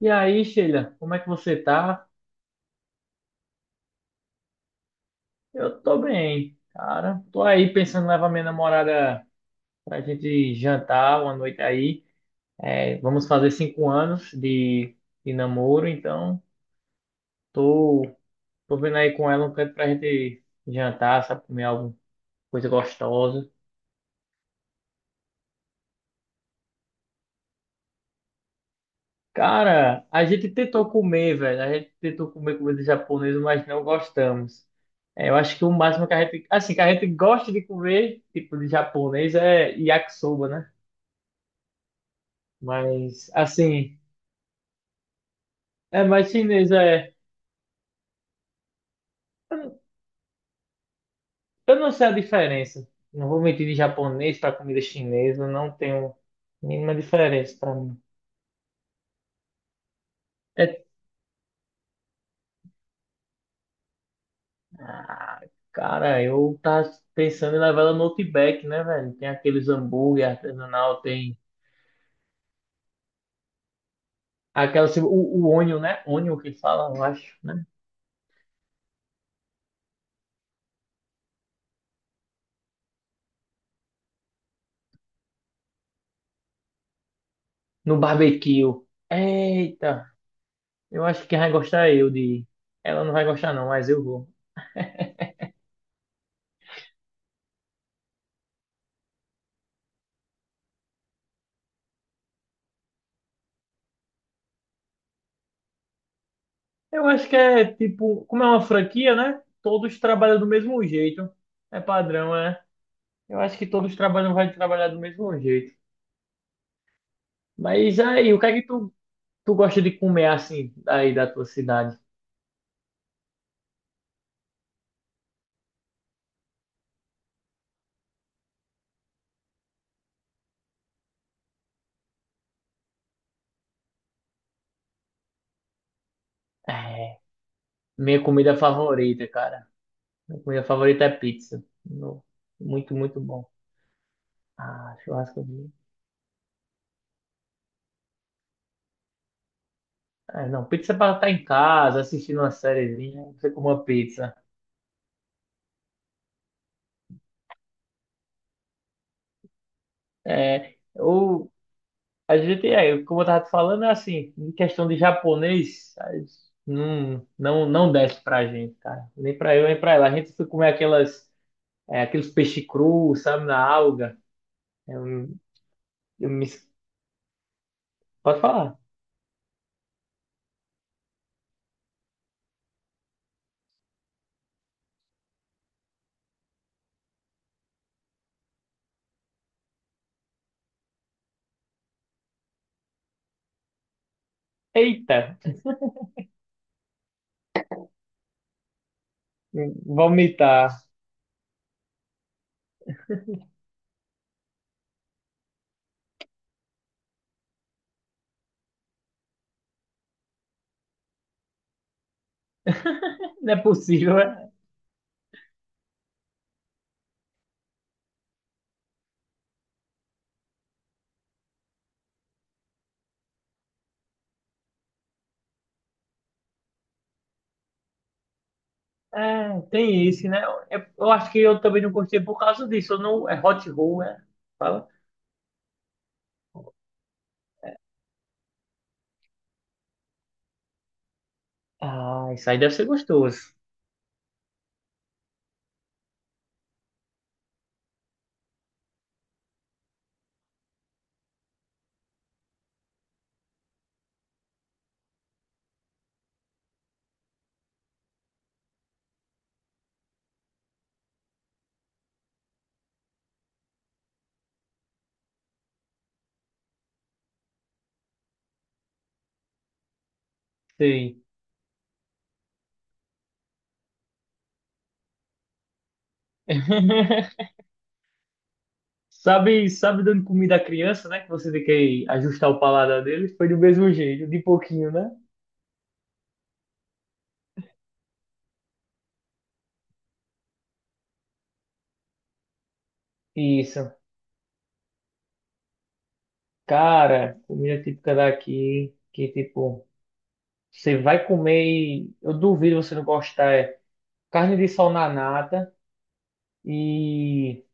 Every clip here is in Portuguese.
E aí, Sheila, como é que você tá? Eu tô bem, cara. Tô aí pensando em levar minha namorada pra gente jantar uma noite aí. É, vamos fazer 5 anos de namoro, então tô, tô vendo aí com ela um canto pra gente jantar, sabe, comer alguma coisa gostosa. Cara, a gente tentou comer, velho. A gente tentou comer comida japonesa, mas não gostamos. É, eu acho que o máximo que a gente gosta de comer, tipo de japonês, é yakisoba, né? Mas, assim, é mais chinês, é. Eu não eu não sei a diferença. Não vou mentir, de japonês para comida chinesa, não tenho mínima diferença para mim. É, ah, cara, eu tava pensando em levar ela no Outback, né, velho? Tem aqueles hambúrguer artesanal, tem o onion, né? Onion que fala, eu acho, né? No barbecue. Eita, eu acho que vai gostar é eu de. Ela não vai gostar não, mas eu vou. Eu acho que é tipo, como é uma franquia, né? Todos trabalham do mesmo jeito. É padrão, é. Eu acho que todos trabalham, vai trabalhar do mesmo jeito. Mas aí, o que é que tu gosta de comer assim, aí da tua cidade? É, minha comida favorita, cara. Minha comida favorita é pizza. Muito, muito bom. Ah, churrasco. É, não, pizza é pra estar em casa, assistindo uma sériezinha, você come uma pizza. É, a gente é, como eu tava te falando, é assim, em questão de japonês, aí não, não, não desce pra gente, cara. Nem pra eu, nem pra ela. A gente foi comer aquelas, aqueles peixe cru, sabe, na alga. Eu, eu me. Pode falar. Eita, vomitar. Não é possível, é, tem isso, né? Eu acho que eu também não gostei por causa disso. Eu não, é hot roll, é. Fala. Ah, isso aí deve ser gostoso. Sim. Sabe dando comida à criança, né? Que você tem que ajustar o paladar deles. Foi do mesmo jeito, de pouquinho, né? Isso. Cara, comida típica daqui, que tipo, você vai comer e eu duvido você não gostar. É carne de sol na nata e,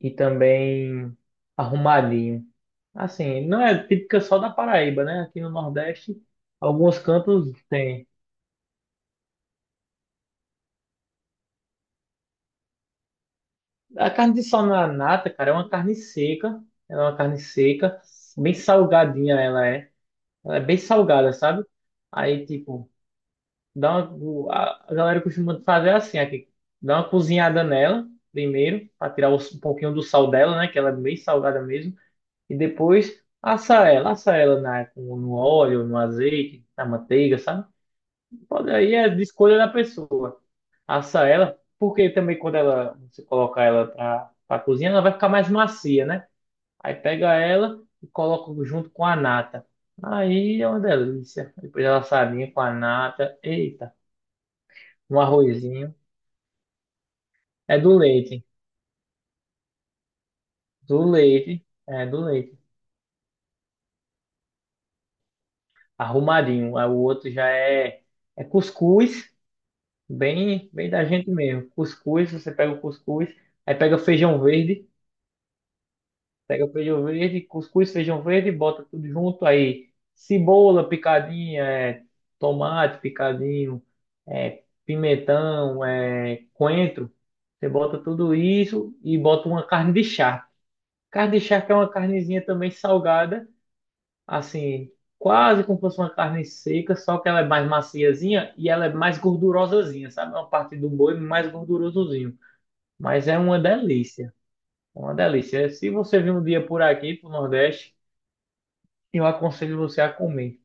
e também arrumadinho. Assim, não é típica só da Paraíba, né? Aqui no Nordeste, alguns cantos tem. A carne de sol na nata, cara, é uma carne seca. Ela é uma carne seca, bem salgadinha ela é. Ela é bem salgada, sabe? Aí, tipo, dá uma, a galera costuma fazer assim aqui. Dá uma cozinhada nela primeiro, para tirar um pouquinho do sal dela, né? Que ela é bem salgada mesmo. E depois assa ela no óleo, no azeite, na manteiga, sabe? Pode, aí é de escolha da pessoa assar ela, porque também quando ela, você colocar ela pra cozinhar, ela vai ficar mais macia, né? Aí pega ela e coloca junto com a nata. Aí é uma delícia. Depois ela assadinha com a nata. Eita, um arrozinho. É do leite. Do leite. É do leite. Arrumadinho. Aí o outro já é cuscuz. Bem, bem da gente mesmo. Cuscuz, você pega o cuscuz. Aí pega o feijão verde. Pega o feijão verde, cuscuz, feijão verde, bota tudo junto aí. Cebola picadinha, é, tomate picadinho, é, pimentão, é, coentro. Você bota tudo isso e bota uma carne de charque. Carne de charque é uma carnezinha também salgada, assim, quase como se fosse uma carne seca, só que ela é mais maciazinha e ela é mais gordurosazinha, sabe? É uma parte do boi mais gordurosozinho. Mas é uma delícia, é uma delícia. Se você vir um dia por aqui, pro Nordeste, eu aconselho você a comer.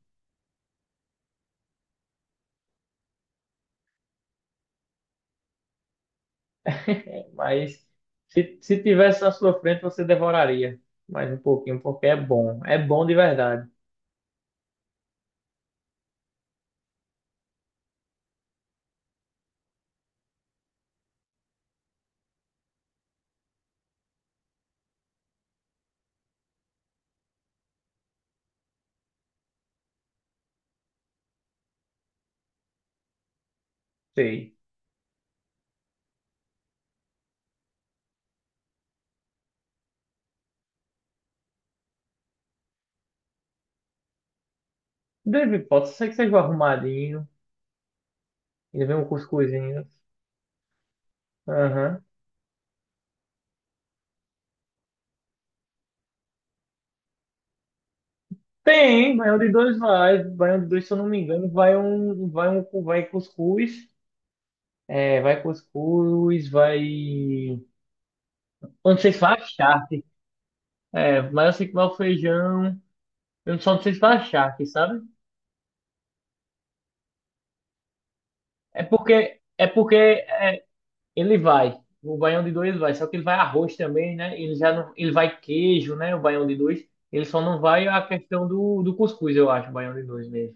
Mas se tivesse na sua frente, você devoraria mais um pouquinho, porque é bom. É bom de verdade. Sei. Deve, pode ser que seja um arrumadinho. Ainda vem um cuscuzinho. Aham. Tem, baião de dois vai. Baião de dois, se eu não me engano, vai um, vai cuscuz. É, vai cuscuz, vai. Eu não sei se vai charque. É, mas eu sei que vai o feijão. Eu só não sei se vai charque, sabe? É porque Ele vai. O baião de dois vai. Só que ele vai arroz também, né? Ele já não, ele vai queijo, né? O baião de dois. Ele só não vai a questão do cuscuz, eu acho, o baião de dois mesmo.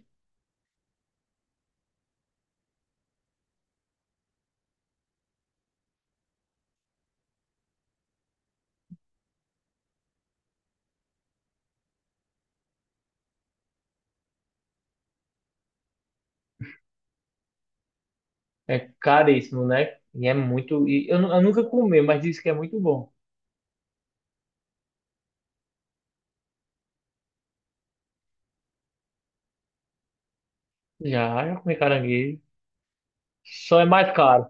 É caríssimo, né? E é muito. E eu nunca comi, mas disse que é muito bom. Já, já comi caranguejo. Só é mais caro.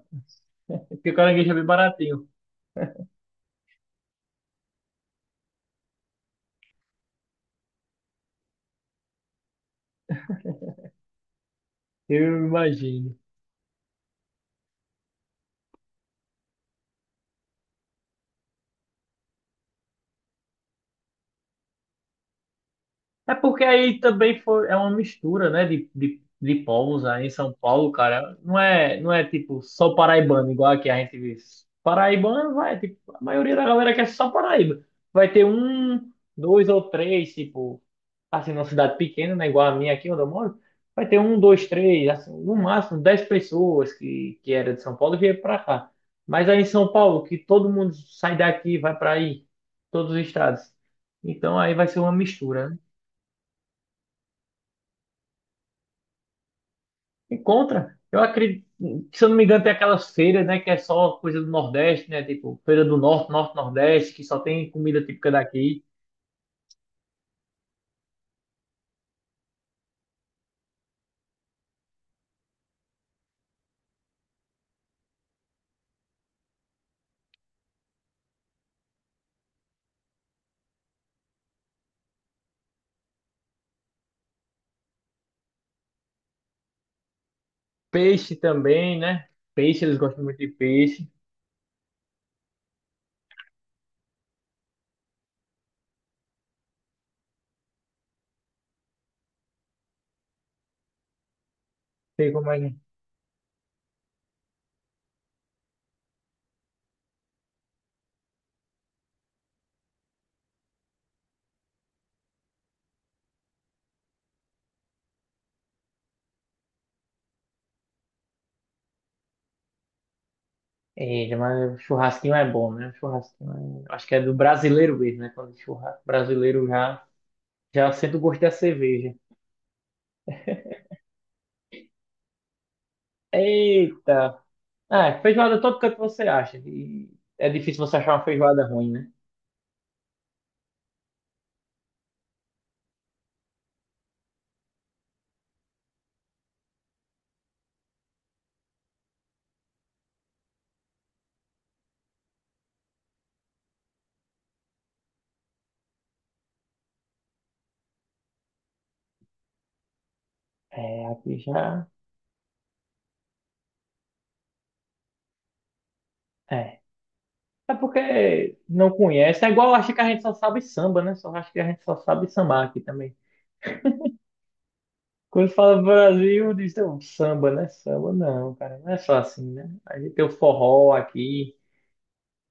Porque caranguejo é bem baratinho. Eu imagino. É porque aí também foi, é uma mistura, né, de povos aí em São Paulo, cara. Não é tipo só paraibano, igual aqui a gente vê. Paraibano vai, tipo, a maioria da galera quer só Paraíba. Vai ter um, dois ou três, tipo, assim, numa cidade pequena, né, igual a minha aqui onde eu moro, vai ter um, dois, três, assim, no máximo 10 pessoas que era de São Paulo e veio pra cá. Mas aí em São Paulo, que todo mundo sai daqui, vai pra aí, todos os estados. Então aí vai ser uma mistura, né? Encontra. Eu acredito, se eu não me engano, tem aquelas feiras, né, que é só coisa do Nordeste, né, tipo feira do Norte, Nordeste, que só tem comida típica daqui. Peixe também, né? Peixe, eles gostam muito de peixe. Sei como é. É, mas churrasquinho é bom, né? Churrasquinho é. Acho que é do brasileiro mesmo, né? Quando churrasco brasileiro já, já sente o gosto da cerveja. Eita! Ah, feijoada todo canto você acha. E é difícil você achar uma feijoada ruim, né? É, aqui já. É. É porque não conhece. É igual, acho que a gente só sabe samba, né? Só acho que a gente só sabe sambar aqui também. Quando fala Brasil, diz: "Não, samba, né?" Samba não, cara. Não é só assim, né? A gente tem o forró aqui,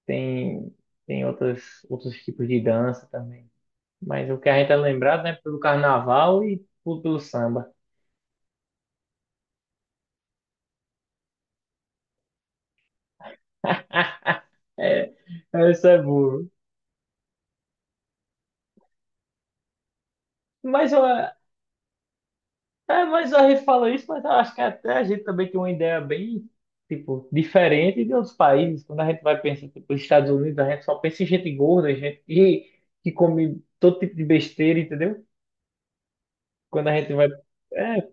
tem, tem outros tipos de dança também. Mas o que a gente é lembrado, né? Pelo carnaval e pelo samba. É, isso é burro. Mas ó, é, mas a gente fala isso, mas eu acho que até a gente também tem uma ideia bem, tipo, diferente de outros países. Quando a gente vai pensar, tipo, nos Estados Unidos, a gente só pensa em gente gorda, gente que come todo tipo de besteira, entendeu? Quando a gente vai, é,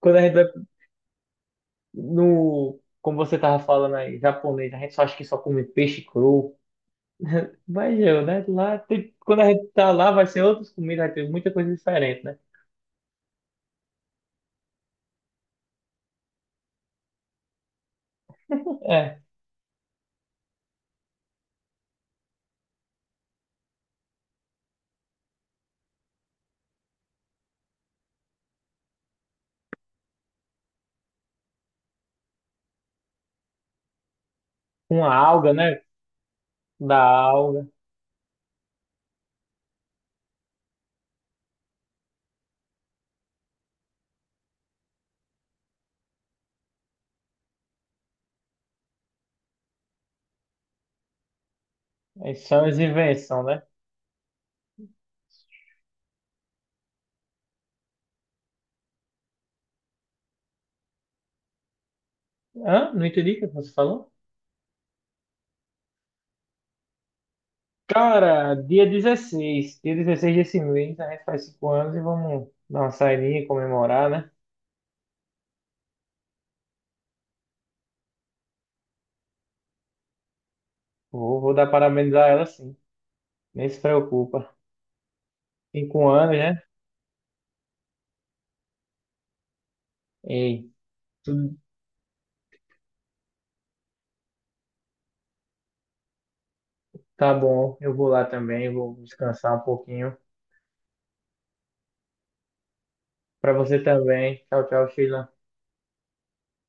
quando a gente vai no, como você tava falando aí, japonês, a gente só acha que só come peixe cru. Mas eu, né, lá, quando a gente tá lá, vai ser outras comidas, vai ter muita coisa diferente, né? É, uma alga, né, da alga. Aí são as invenções, né? Hã? Não entendi o que você falou. Cara, dia dezesseis desse mês, a gente faz 5 anos e vamos dar uma saidinha, comemorar, né? Vou dar parabéns a ela, sim. Nem se preocupa. 5 anos, né? Ei, tudo tá bom. Eu vou lá também, vou descansar um pouquinho. Pra você também. Tchau, tchau, Sheila.